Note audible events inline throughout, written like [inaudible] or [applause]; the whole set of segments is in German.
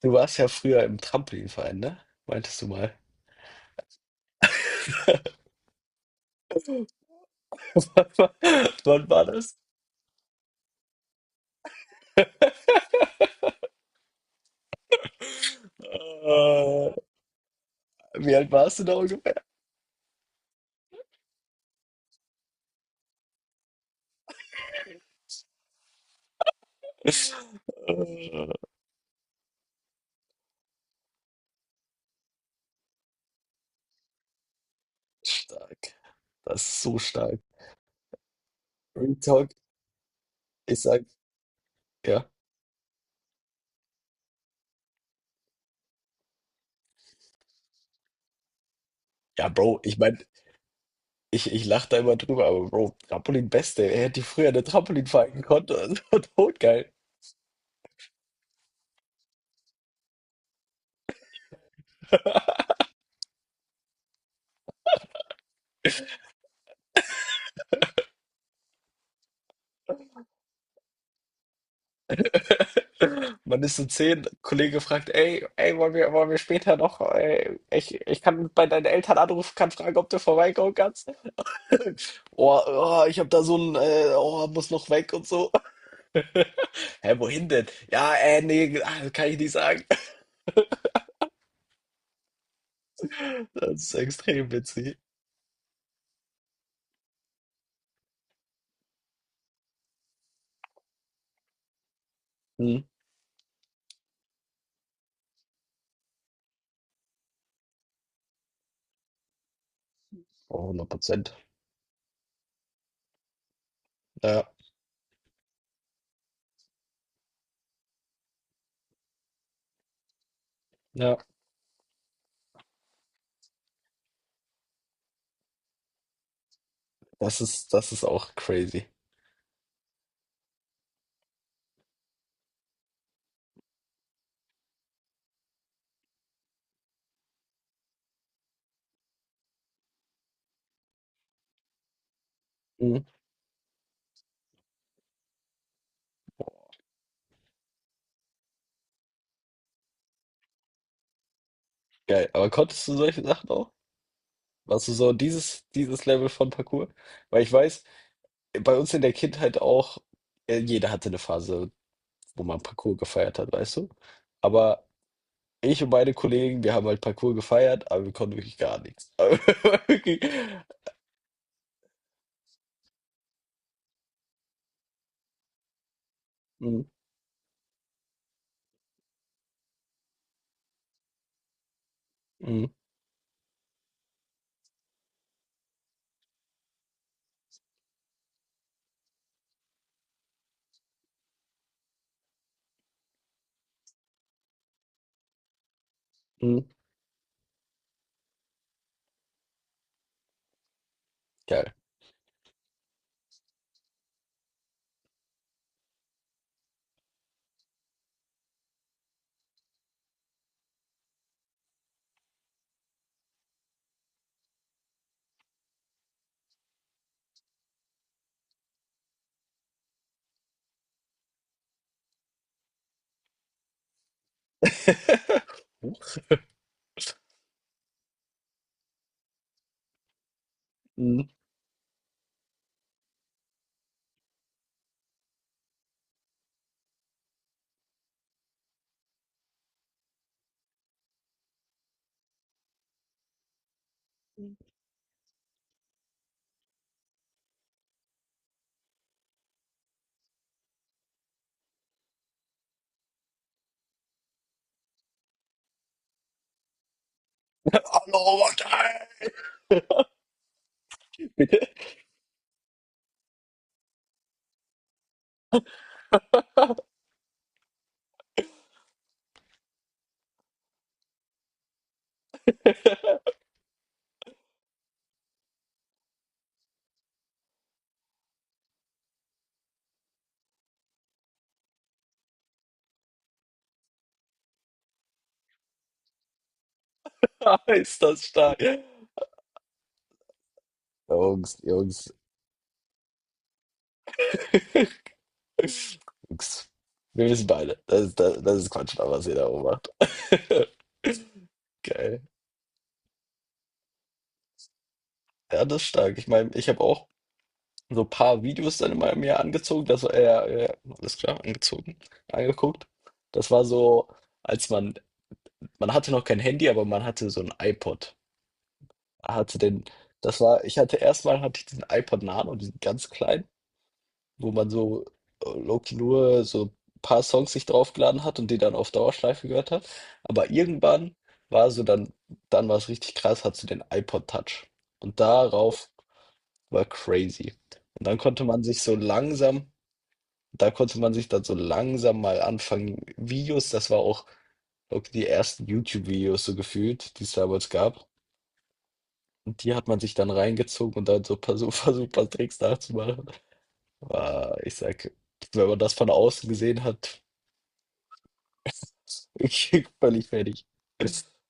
Du warst ja früher im Trampolinverein, ne? Meintest du mal. [laughs] Wann war das? Äh, Wie alt warst du da ungefähr? Äh, Stark. Das ist so stark. Real Talk, ich sag, ja. Ja, Bro, ich meine, ich lache da immer drüber, aber Bro, Trampolin Beste, er hätte früher eine Trampolinverein gekonnt, [laughs] das war totgeil. Man ist so 10, Kollege fragt, ey, ey, wollen wir später noch, ey, ich kann bei deinen Eltern anrufen, kann fragen, ob du vorbeikommen kannst. Oh, oh, ich habe da so ein, oh, muss noch weg und so. [laughs] Hä, wohin denn? Ja, nee, ah, kann ich nicht sagen. [laughs] Das ist extrem witzig. Hm. Oh, hundert Prozent. Ja, ja. Das ist auch crazy. Hm. Geil. Aber konntest du solche Sachen auch? Warst du so dieses Level von Parkour? Weil ich weiß, bei uns in der Kindheit auch, jeder hatte eine Phase, wo man Parkour gefeiert hat, weißt du? Aber ich und meine Kollegen, wir haben halt Parkour gefeiert, aber wir konnten wirklich gar nichts. Aber [laughs] wirklich. Mhm, mhm, mhm. Geil. [laughs] Mhm. Hallo, Martin! [laughs] Ist das stark. Jungs, Jungs. [laughs] Jungs. Wir wissen beide, das ist Quatsch, da, was ihr da oben macht. [laughs] Geil. Ja, das ist stark. Ich meine, ich habe auch so ein paar Videos dann in meinem Jahr angezogen. Das war, ja, ja, ja, alles klar, angezogen, angeguckt. Das war so. Als man Man hatte noch kein Handy, aber man hatte so 'n iPod. Hatte den das war ich hatte erst mal hatte ich diesen iPod Nano, diesen ganz kleinen, wo man so, low key nur so paar Songs sich draufgeladen hat und die dann auf Dauerschleife gehört hat. Aber irgendwann war so dann war's richtig krass, hattest du den iPod Touch. Und darauf war crazy. Und dann konnte man sich so langsam da konnte man sich dann so langsam mal anfangen Videos, das war auch low key die ersten YouTube-Videos so gefühlt, die es damals gab. Und die hat man sich dann reingezogen und dann so paar super, super Tricks nachzumachen. Ah, ich sag, wenn man das von außen gesehen hat, [laughs] ich völlig fertig.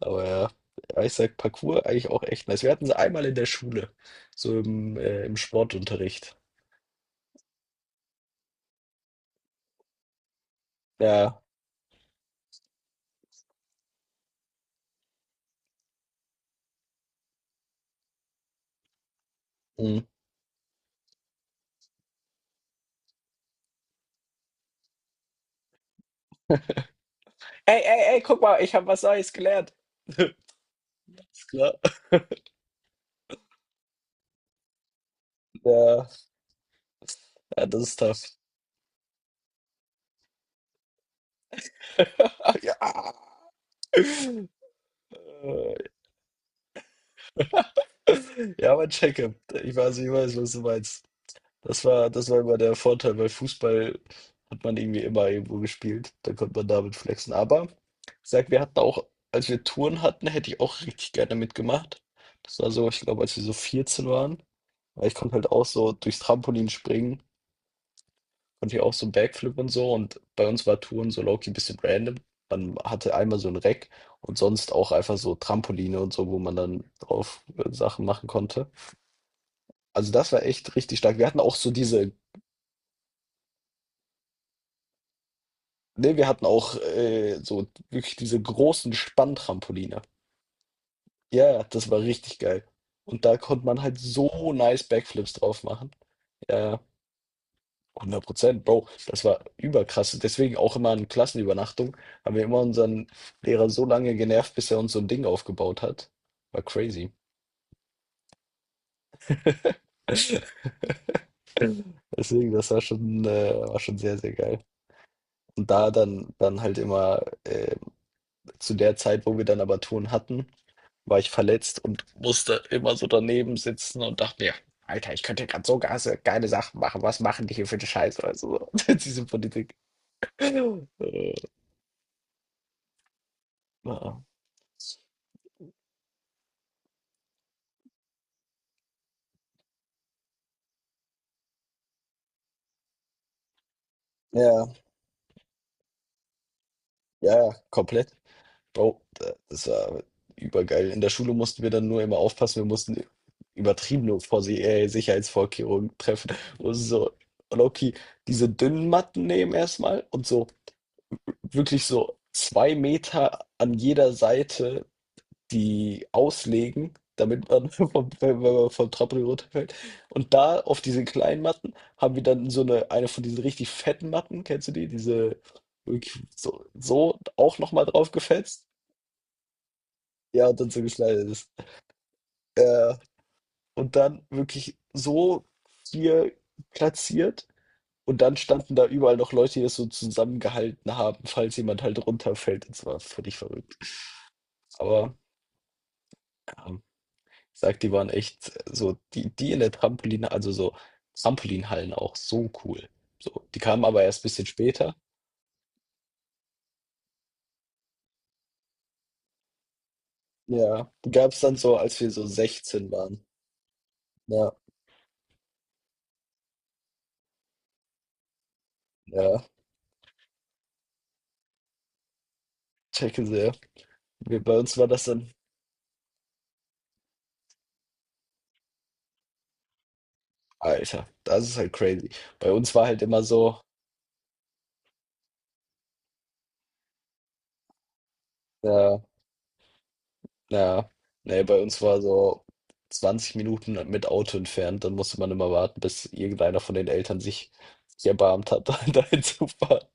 Aber ja, ja, ich sag, Parkour eigentlich auch echt nice. Wir hatten sie einmal in der Schule, so im Sportunterricht. Ja. Hm. Ey, ey, ey, guck mal, ich habe was Neues gelernt. [laughs] Ist klar. Ja, ja, das ist tough. [laughs] Ja. Äh, Ja, mein Checkup. Ich weiß, was du meinst. Das war immer der Vorteil, weil Fußball hat man irgendwie immer irgendwo gespielt. Da konnte man damit flexen. Aber ich sag, wir hatten auch, als wir Touren hatten, hätte ich auch richtig gerne mitgemacht. Das war so, ich glaube, als wir so 14 waren. Weil ich konnte halt auch so durchs Trampolin springen, konnte ich auch so Backflip und so. Und bei uns war Touren so low-key ein bisschen random. Man hatte einmal so ein Reck und sonst auch einfach so Trampoline und so, wo man dann drauf Sachen machen konnte. Also das war echt richtig stark. Wir hatten auch so diese Ne, wir hatten auch so wirklich diese großen Spanntrampoline. Ja, ja, das war richtig geil. Und da konnte man halt so nice Backflips drauf machen. Ja, ja, 100%, Bro. Das war überkrass. Deswegen auch immer in Klassenübernachtung haben wir immer unseren Lehrer so lange genervt, bis er uns so ein Ding aufgebaut hat. War crazy. Deswegen, das war schon sehr, sehr geil. Und da dann halt immer zu der Zeit, wo wir dann aber Touren hatten, war ich verletzt und musste immer so daneben sitzen und dachte mir, Alter, ich könnte gerade so geile, geile Sachen machen. Was machen die hier für eine Scheiße? Also, [laughs] so, diese Politik. Äh, ja, ja, ja, komplett. Bro, das war übergeil. In der Schule mussten wir dann nur immer aufpassen. Wir mussten übertriebene Sicherheitsvorkehrungen treffen. Und so, Loki, diese dünnen Matten nehmen erstmal und so wirklich so 2 Meter an jeder Seite die auslegen, damit man [laughs] vom wenn man vom Trampolin runterfällt. Und da auf diese kleinen Matten haben wir dann so eine von diesen richtig fetten Matten, kennst du die? Diese wirklich so auch noch mal drauf gefetzt. Ja, und dann so geschneidet ist. Ja, und dann wirklich so hier platziert und dann standen da überall noch Leute, die das so zusammengehalten haben, falls jemand halt runterfällt. Das war völlig verrückt. Aber ja, sagt die waren echt so die die in der Trampolin, also, so Trampolinhallen auch so cool. So, die kamen aber erst ein bisschen später. Ja, die gab es dann so, als wir so 16 waren. Ja, ja, checke sehr. Wir bei uns war das dann Alter, das ist halt crazy. Bei uns war halt immer so, ja, ja, ne, bei uns war so 20 Minuten mit Auto entfernt, dann musste man immer warten, bis irgendeiner von den Eltern sich erbarmt hat, [laughs] da hinzufahren.